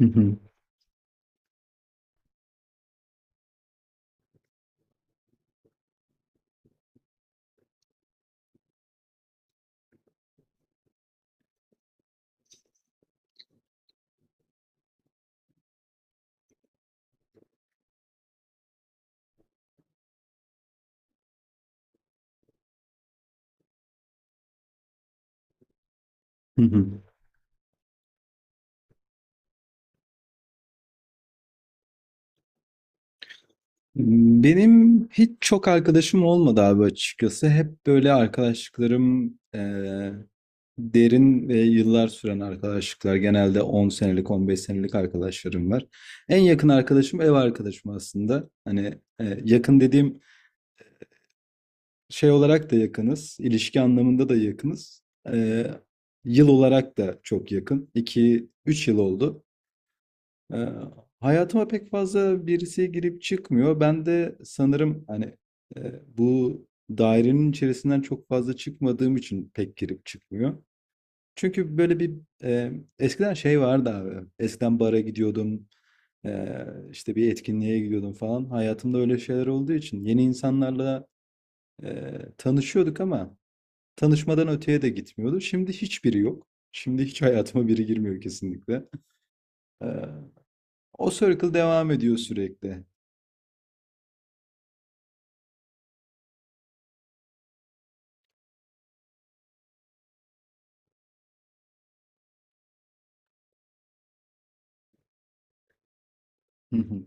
Hı hı, hı hı. Benim hiç çok arkadaşım olmadı abi açıkçası. Hep böyle arkadaşlıklarım derin ve yıllar süren arkadaşlıklar. Genelde 10 senelik, 15 senelik arkadaşlarım var. En yakın arkadaşım ev arkadaşım aslında. Hani yakın dediğim şey olarak da yakınız. İlişki anlamında da yakınız. Eee, Yıl olarak da çok yakın. 2-3 yıl oldu. Ee, Hayatıma pek fazla birisi girip çıkmıyor. Ben de sanırım hani bu dairenin içerisinden çok fazla çıkmadığım için pek girip çıkmıyor. Çünkü böyle bir e, eskiden şey vardı abi. Eskiden bara gidiyordum. E, işte bir etkinliğe gidiyordum falan. Hayatımda öyle şeyler olduğu için yeni insanlarla tanışıyorduk ama tanışmadan öteye de gitmiyordu. Şimdi hiçbiri yok. Şimdi hiç hayatıma biri girmiyor kesinlikle. O circle devam ediyor sürekli. Hı hı.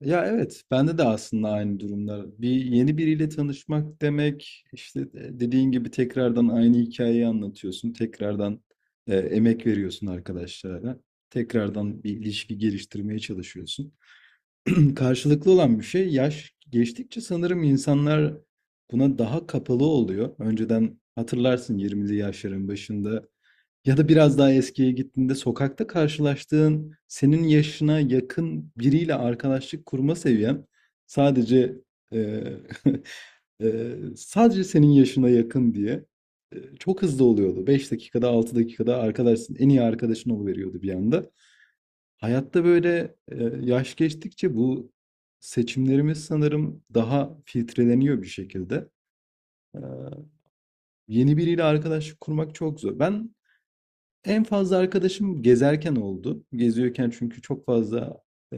Ya evet, bende de aslında aynı durumlar. Bir yeni biriyle tanışmak demek, işte dediğin gibi tekrardan aynı hikayeyi anlatıyorsun, tekrardan emek veriyorsun arkadaşlara, tekrardan bir ilişki geliştirmeye çalışıyorsun. Karşılıklı olan bir şey, yaş geçtikçe sanırım insanlar buna daha kapalı oluyor. Önceden hatırlarsın 20'li yaşların başında. Ya da biraz daha eskiye gittiğinde sokakta karşılaştığın senin yaşına yakın biriyle arkadaşlık kurma seviyen sadece eee, sadece senin yaşına yakın diye çok hızlı oluyordu. 5 dakikada 6 dakikada arkadaşsın en iyi arkadaşın oluveriyordu bir anda. Hayatta böyle yaş geçtikçe bu seçimlerimiz sanırım daha filtreleniyor bir şekilde. Eee, Yeni biriyle arkadaşlık kurmak çok zor. Ben en fazla arkadaşım gezerken oldu. Geziyorken çünkü çok fazla e,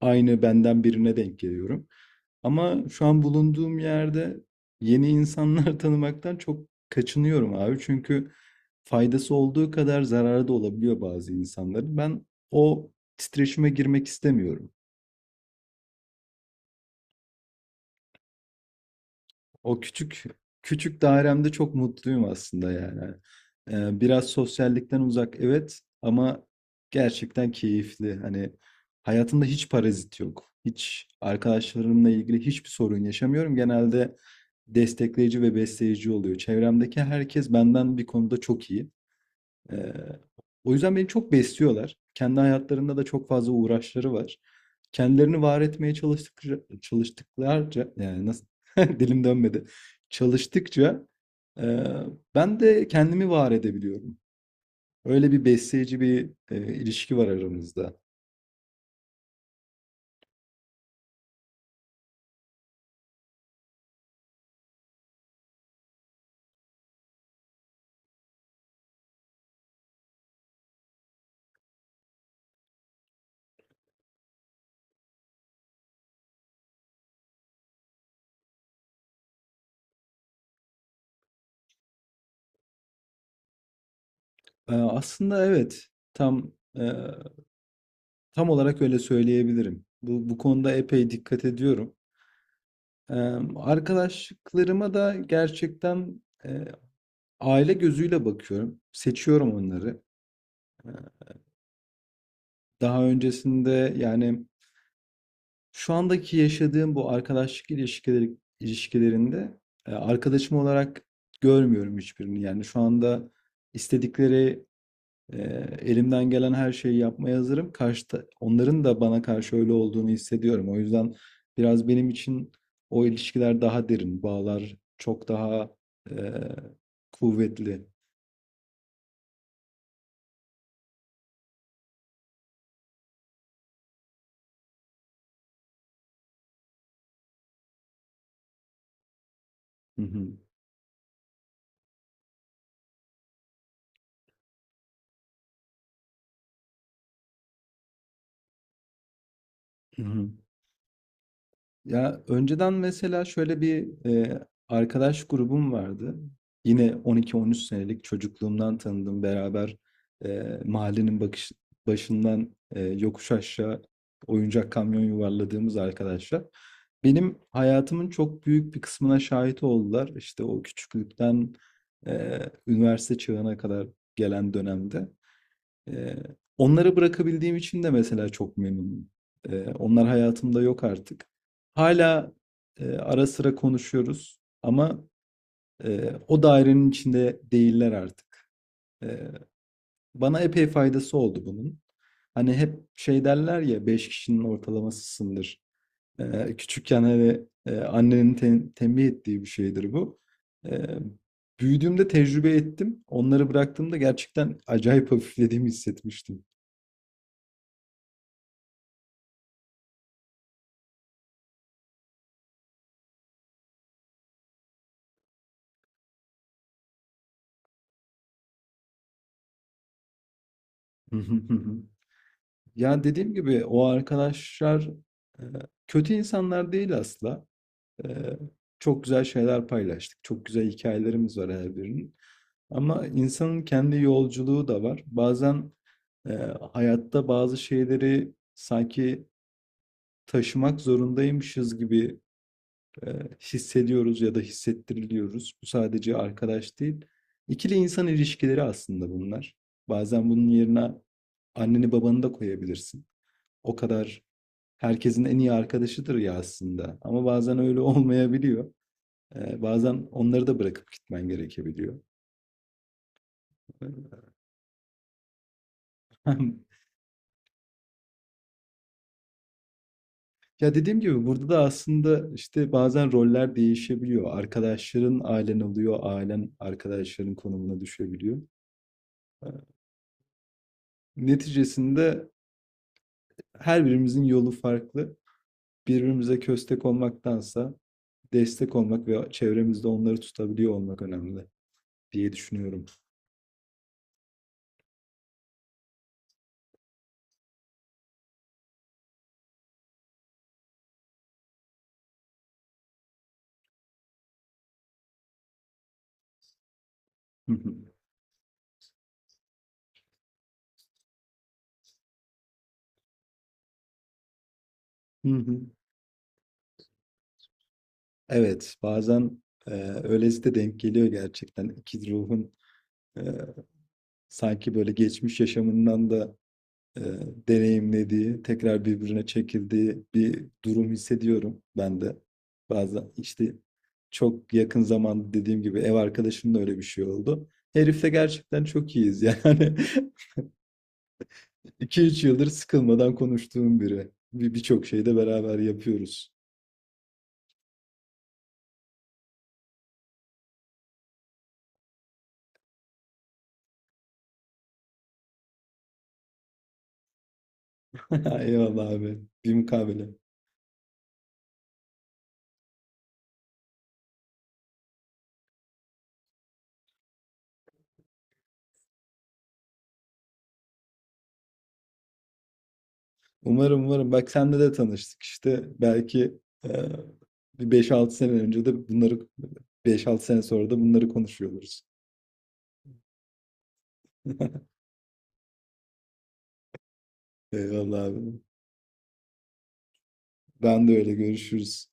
aynı benden birine denk geliyorum. Ama şu an bulunduğum yerde yeni insanlar tanımaktan çok kaçınıyorum abi. Çünkü faydası olduğu kadar zararı da olabiliyor bazı insanların. Ben o titreşime girmek istemiyorum. O küçük küçük dairemde çok mutluyum aslında yani. Biraz sosyallikten uzak evet ama gerçekten keyifli. Hani hayatımda hiç parazit yok. Hiç arkadaşlarımla ilgili hiçbir sorun yaşamıyorum. Genelde destekleyici ve besleyici oluyor. Çevremdeki herkes benden bir konuda çok iyi. Ee, O yüzden beni çok besliyorlar. Kendi hayatlarında da çok fazla uğraşları var. Kendilerini var etmeye çalıştıkça, çalıştıklarca, yani nasıl, dilim dönmedi. Çalıştıkça e, ben de kendimi var edebiliyorum. Öyle bir besleyici bir ilişki var aramızda. Aslında evet. Tam, eee, tam olarak öyle söyleyebilirim. Bu konuda epey dikkat ediyorum. Arkadaşlıklarıma da gerçekten, aile gözüyle bakıyorum. Seçiyorum onları. Eee, Daha öncesinde, yani, şu andaki yaşadığım bu arkadaşlık ilişkilerinde, arkadaşım olarak görmüyorum hiçbirini. Yani, şu anda istedikleri. Ee, elimden gelen her şeyi yapmaya hazırım. Karşıta, onların da bana karşı öyle olduğunu hissediyorum. O yüzden biraz benim için o ilişkiler daha derin, bağlar çok daha e, kuvvetli. Hı hı, hı hı. Ya önceden mesela şöyle bir arkadaş grubum vardı. Yine 12-13 senelik çocukluğumdan tanıdım. Beraber mahallenin bakış, başından yokuş aşağı oyuncak kamyon yuvarladığımız arkadaşlar. Benim hayatımın çok büyük bir kısmına şahit oldular. İşte o küçüklükten e, üniversite çağına kadar gelen dönemde. Eee, Onları bırakabildiğim için de mesela çok memnunum. Onlar hayatımda yok artık. Hala ara sıra konuşuyoruz ama, o dairenin içinde değiller artık. Eee, Bana epey faydası oldu bunun. Hani hep şey derler ya, 5 kişinin ortalamasısındır. Küçükken hani, annenin tembih ettiği bir şeydir bu. Eee, Büyüdüğümde tecrübe ettim. Onları bıraktığımda gerçekten acayip hafiflediğimi hissetmiştim. Hı hı, hı hı. Ya dediğim gibi o arkadaşlar e, kötü insanlar değil asla. E, Çok güzel şeyler paylaştık. Çok güzel hikayelerimiz var her birinin. Ama insanın kendi yolculuğu da var. Bazen e, hayatta bazı şeyleri sanki taşımak zorundaymışız gibi e, hissediyoruz ya da hissettiriliyoruz. Bu sadece arkadaş değil. İkili insan ilişkileri aslında bunlar. Bazen bunun yerine anneni babanı da koyabilirsin. O kadar herkesin en iyi arkadaşıdır ya aslında. Ama bazen öyle olmayabiliyor. Bazen onları da bırakıp gitmen gerekebiliyor. Ya dediğim gibi burada da aslında işte bazen roller değişebiliyor. Arkadaşların ailen oluyor, ailen arkadaşların konumuna düşebiliyor. Ee, Neticesinde her birimizin yolu farklı. Birbirimize köstek olmaktansa destek olmak ve çevremizde onları tutabiliyor olmak önemli diye düşünüyorum. Hı hı. Hı hı. Evet, bazen e, öylesi de denk geliyor gerçekten. İki ruhun e, sanki böyle geçmiş yaşamından da e, deneyimlediği, tekrar birbirine çekildiği bir durum hissediyorum ben de. Bazen işte çok yakın zamanda dediğim gibi ev arkadaşımla öyle bir şey oldu. Herifle gerçekten çok iyiyiz yani. 2-3 yıldır sıkılmadan konuştuğum biri. Birçok şeyi de beraber yapıyoruz. Eyvallah abi. Bir mukabele. Umarım umarım. Bak senle de tanıştık işte. Belki e, bir 5-6 sene önce de bunları 5-6 sene sonra da bunları konuşuyoruz. Eyvallah abi. Ben de öyle görüşürüz.